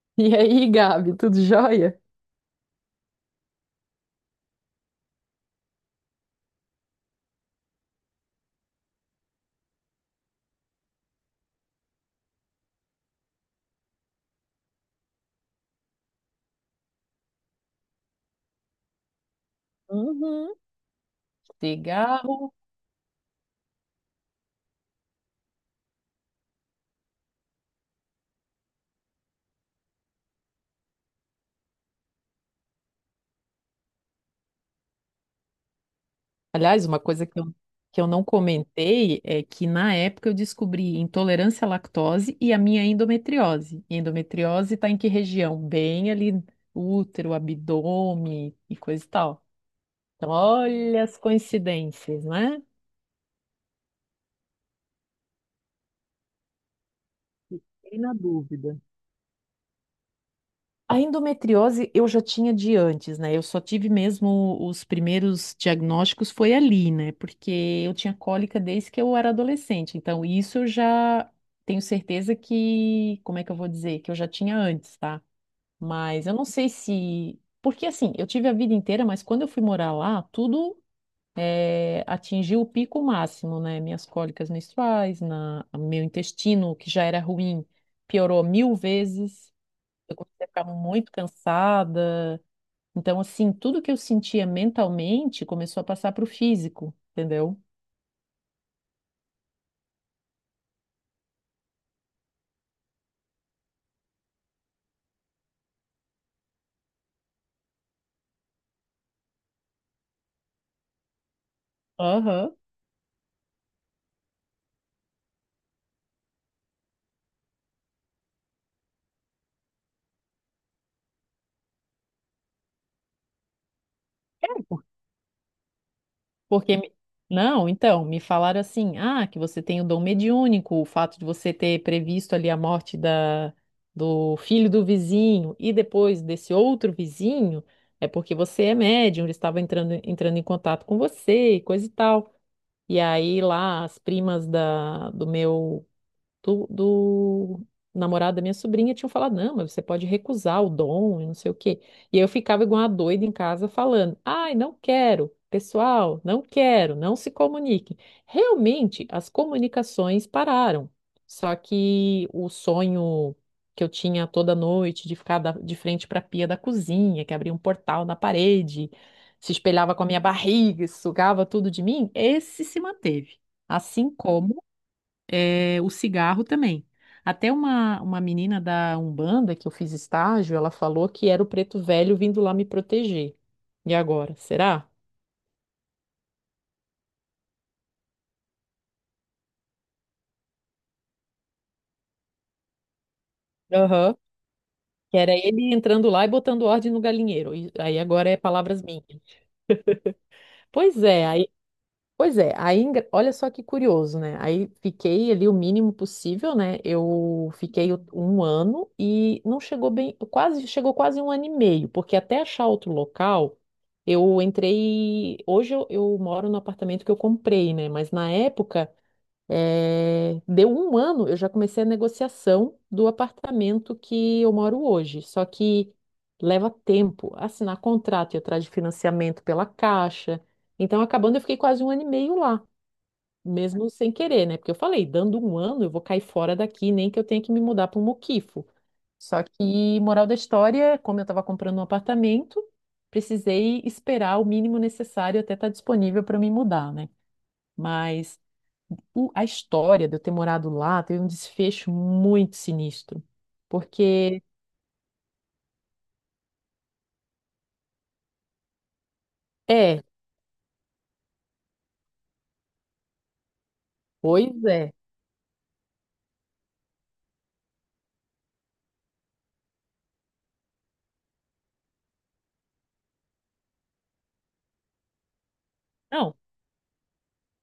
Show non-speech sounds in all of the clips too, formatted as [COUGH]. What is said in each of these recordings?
[LAUGHS] E aí, Gabi, tudo jóia? Uhum, cigarro. Aliás, uma coisa que eu não comentei é que na época eu descobri intolerância à lactose e a minha endometriose. E endometriose está em que região? Bem ali, útero, abdômen e coisa e tal. Então, olha as coincidências, né? Fiquei na dúvida. A endometriose eu já tinha de antes, né? Eu só tive mesmo os primeiros diagnósticos foi ali, né? Porque eu tinha cólica desde que eu era adolescente. Então, isso eu já tenho certeza que, como é que eu vou dizer? Que eu já tinha antes, tá? Mas eu não sei se. Porque assim, eu tive a vida inteira, mas quando eu fui morar lá, tudo atingiu o pico máximo, né? Minhas cólicas menstruais, meu intestino, que já era ruim, piorou mil vezes. Eu comecei a ficar muito cansada. Então, assim, tudo que eu sentia mentalmente começou a passar para o físico, entendeu? Aham. É, por- porque. me- Não, então, me falaram assim: ah, que você tem o dom mediúnico, o fato de você ter previsto ali a morte da, do filho do vizinho e depois desse outro vizinho, é porque você é médium, ele estava entrando em contato com você, e coisa e tal. E aí lá as primas da, do meu do namorado da minha sobrinha tinham falado, não, mas você pode recusar o dom e não sei o quê. E eu ficava igual uma doida em casa falando, ai, não quero, pessoal, não quero, não se comuniquem. Realmente, as comunicações pararam. Só que o sonho que eu tinha toda noite de ficar de frente para a pia da cozinha, que abria um portal na parede, se espelhava com a minha barriga, sugava tudo de mim, esse se manteve. Assim como o cigarro também. Até uma menina da Umbanda que eu fiz estágio, ela falou que era o preto velho vindo lá me proteger. E agora, será? Aham. Que era ele entrando lá e botando ordem no galinheiro. E aí agora é palavras minhas. Pois é, aí Pois é, aí, olha só que curioso, né? Aí fiquei ali o mínimo possível, né? Eu fiquei um ano e não chegou bem, quase, chegou quase um ano e meio, porque até achar outro local, eu entrei. Hoje eu moro no apartamento que eu comprei, né? Mas na época deu um ano, eu já comecei a negociação do apartamento que eu moro hoje. Só que leva tempo assinar contrato e atrás de financiamento pela Caixa. Então, acabando, eu fiquei quase um ano e meio lá, mesmo sem querer, né? Porque eu falei, dando um ano, eu vou cair fora daqui, nem que eu tenha que me mudar para um muquifo. Só que, moral da história, como eu estava comprando um apartamento, precisei esperar o mínimo necessário até estar disponível para me mudar, né? Mas a história de eu ter morado lá teve um desfecho muito sinistro. Porque, é, pois é. Não,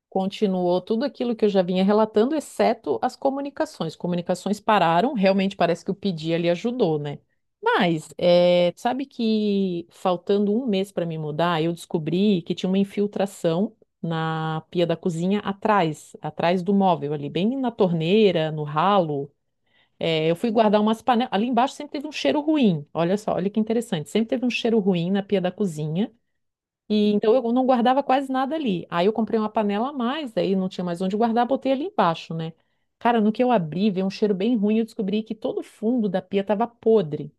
continuou tudo aquilo que eu já vinha relatando, exceto as comunicações. Comunicações pararam, realmente parece que o pedir ali ajudou, né? Mas, sabe que faltando um mês para me mudar, eu descobri que tinha uma infiltração na pia da cozinha atrás, atrás do móvel ali, bem na torneira, no ralo. Eu fui guardar umas panelas. Ali embaixo sempre teve um cheiro ruim. Olha só, olha que interessante. Sempre teve um cheiro ruim na pia da cozinha. E então eu não guardava quase nada ali. Aí eu comprei uma panela a mais, daí não tinha mais onde guardar, botei ali embaixo, né? Cara, no que eu abri, veio um cheiro bem ruim, eu descobri que todo o fundo da pia estava podre.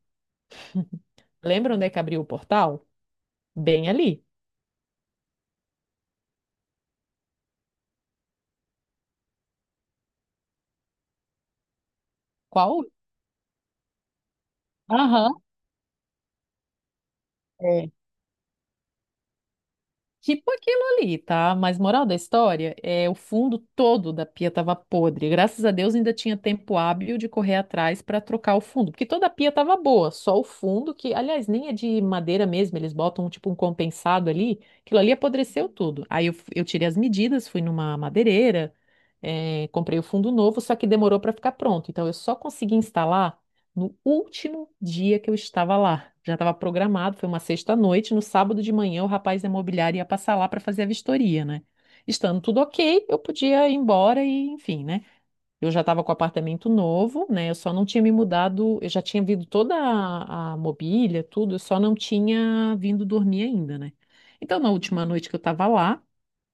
Lembra onde é que abriu o portal? Bem ali. Qual? Aham. É. Tipo aquilo ali, tá? Mas moral da história é o fundo todo da pia tava podre. Graças a Deus ainda tinha tempo hábil de correr atrás para trocar o fundo, porque toda a pia tava boa, só o fundo que, aliás, nem é de madeira mesmo, eles botam tipo um compensado ali, aquilo ali apodreceu tudo. Aí eu tirei as medidas, fui numa madeireira, comprei o fundo novo, só que demorou para ficar pronto. Então eu só consegui instalar no último dia que eu estava lá, já estava programado, foi uma sexta-noite. No sábado de manhã, o rapaz da imobiliária ia passar lá para fazer a vistoria, né? Estando tudo ok, eu podia ir embora e, enfim, né? Eu já estava com o apartamento novo, né? Eu só não tinha me mudado, eu já tinha vindo toda a mobília, tudo, eu só não tinha vindo dormir ainda, né? Então, na última noite que eu estava lá,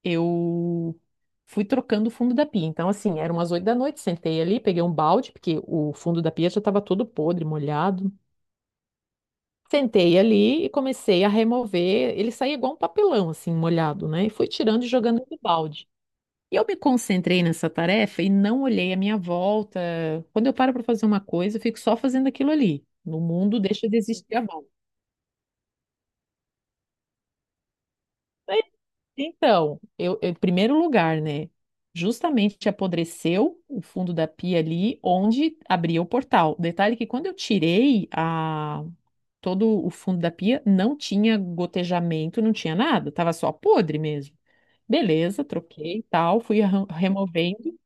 eu fui trocando o fundo da pia. Então, assim, eram umas oito da noite, sentei ali, peguei um balde, porque o fundo da pia já estava todo podre, molhado. Sentei ali e comecei a remover. Ele saía igual um papelão, assim, molhado, né? E fui tirando e jogando no balde. E eu me concentrei nessa tarefa e não olhei a minha volta. Quando eu paro para fazer uma coisa, eu fico só fazendo aquilo ali. No mundo deixa de existir a volta. Então, em primeiro lugar, né? Justamente apodreceu o fundo da pia ali onde abria o portal. Detalhe que quando eu tirei todo o fundo da pia, não tinha gotejamento, não tinha nada, tava só podre mesmo. Beleza, troquei e tal, fui removendo.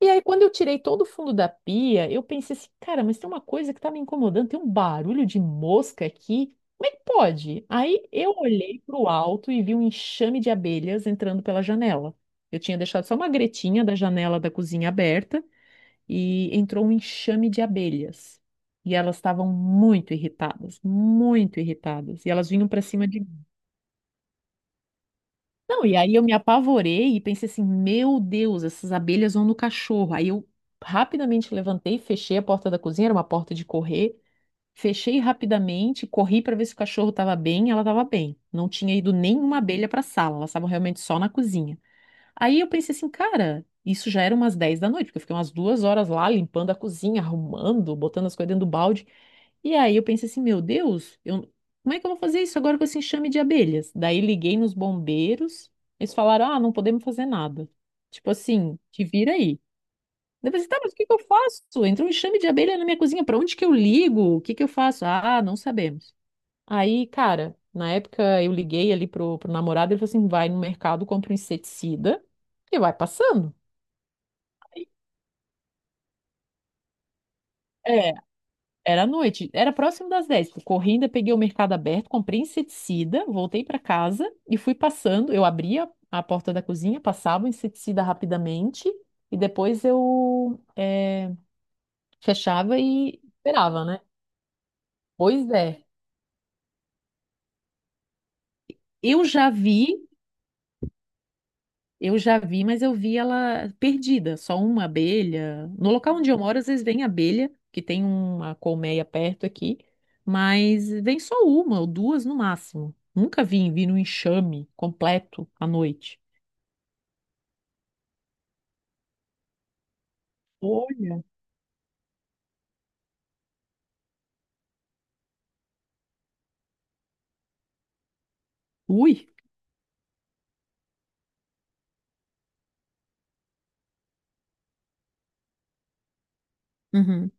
E aí, quando eu tirei todo o fundo da pia, eu pensei assim, cara, mas tem uma coisa que tá me incomodando, tem um barulho de mosca aqui. Como é que pode? Aí eu olhei para o alto e vi um enxame de abelhas entrando pela janela. Eu tinha deixado só uma gretinha da janela da cozinha aberta e entrou um enxame de abelhas. E elas estavam muito irritadas, muito irritadas. E elas vinham para cima de, não, e aí eu me apavorei e pensei assim, meu Deus, essas abelhas vão no cachorro. Aí eu rapidamente levantei, fechei a porta da cozinha, era uma porta de correr, fechei rapidamente, corri para ver se o cachorro estava bem, ela estava bem. Não tinha ido nenhuma abelha para a sala, elas estavam realmente só na cozinha. Aí eu pensei assim, cara, isso já era umas 10 da noite, porque eu fiquei umas 2 horas lá limpando a cozinha, arrumando, botando as coisas dentro do balde. E aí eu pensei assim, meu Deus, eu, como é que eu vou fazer isso agora com esse enxame de abelhas? Daí liguei nos bombeiros, eles falaram, ah, não podemos fazer nada. Tipo assim, te vira aí. Daí eu pensei, tá, mas o que que eu faço? Entra um enxame de abelha na minha cozinha, pra onde que eu ligo? O que que eu faço? Ah, não sabemos. Aí, cara, na época eu liguei ali pro namorado, ele falou assim, vai no mercado, compra um inseticida e vai passando. é Era à noite, era próximo das dez. Tipo, corri, ainda peguei o mercado aberto, comprei inseticida, voltei para casa e fui passando. Eu abria a porta da cozinha, passava o inseticida rapidamente e depois eu fechava e esperava, né? Pois é, eu já vi Eu já vi, mas eu vi ela perdida, só uma abelha. No local onde eu moro, às vezes vem abelha, que tem uma colmeia perto aqui, mas vem só uma ou duas no máximo. Nunca vi no enxame completo à noite. Olha. Ui! Uhum.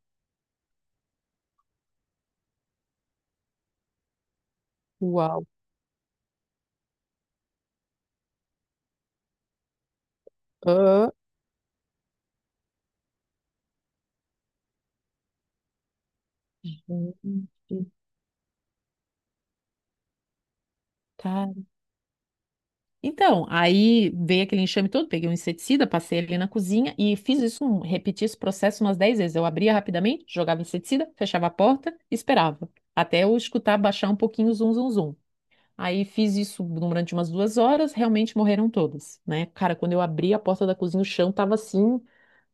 Uau. Ah, gente. Então, aí veio aquele enxame todo, peguei um inseticida, passei ele na cozinha e fiz isso, repeti esse processo umas 10 vezes. Eu abria rapidamente, jogava inseticida, fechava a porta, e esperava, até eu escutar baixar um pouquinho o zum, zum, zum. Aí fiz isso durante umas 2 horas, realmente morreram todas, né? Cara, quando eu abri a porta da cozinha, o chão tava assim,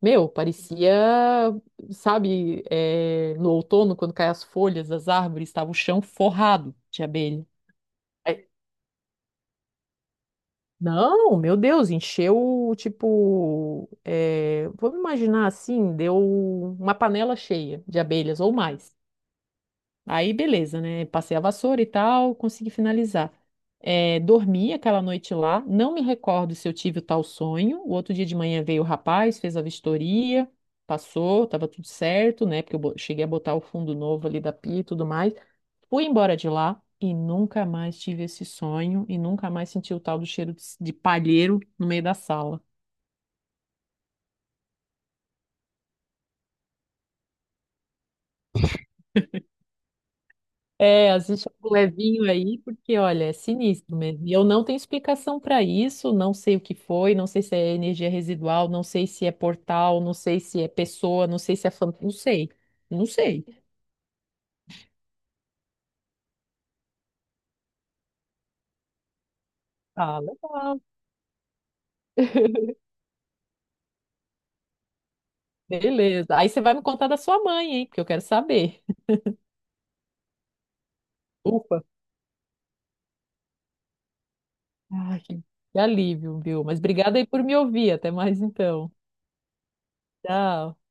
meu, parecia, sabe, no outono, quando caem as folhas das árvores, tava o chão forrado de abelha. Não, meu Deus, encheu, tipo, vamos imaginar assim, deu uma panela cheia de abelhas ou mais. Aí, beleza, né? Passei a vassoura e tal, consegui finalizar. Dormi aquela noite lá, não me recordo se eu tive o tal sonho. O outro dia de manhã veio o rapaz, fez a vistoria, passou, tava tudo certo, né? Porque eu cheguei a botar o fundo novo ali da pia e tudo mais. Fui embora de lá e nunca mais tive esse sonho e nunca mais senti o tal do cheiro de palheiro no meio da sala. É, assiste um levinho aí, porque olha, é sinistro mesmo. E eu não tenho explicação para isso, não sei o que foi, não sei se é energia residual, não sei se é portal, não sei se é pessoa, não sei se é fan... não sei, não sei. Ah, legal. [LAUGHS] Beleza. Aí você vai me contar da sua mãe, hein? Porque eu quero saber. Ufa. Ai, que alívio, viu? Mas obrigada aí por me ouvir. Até mais então. Tchau.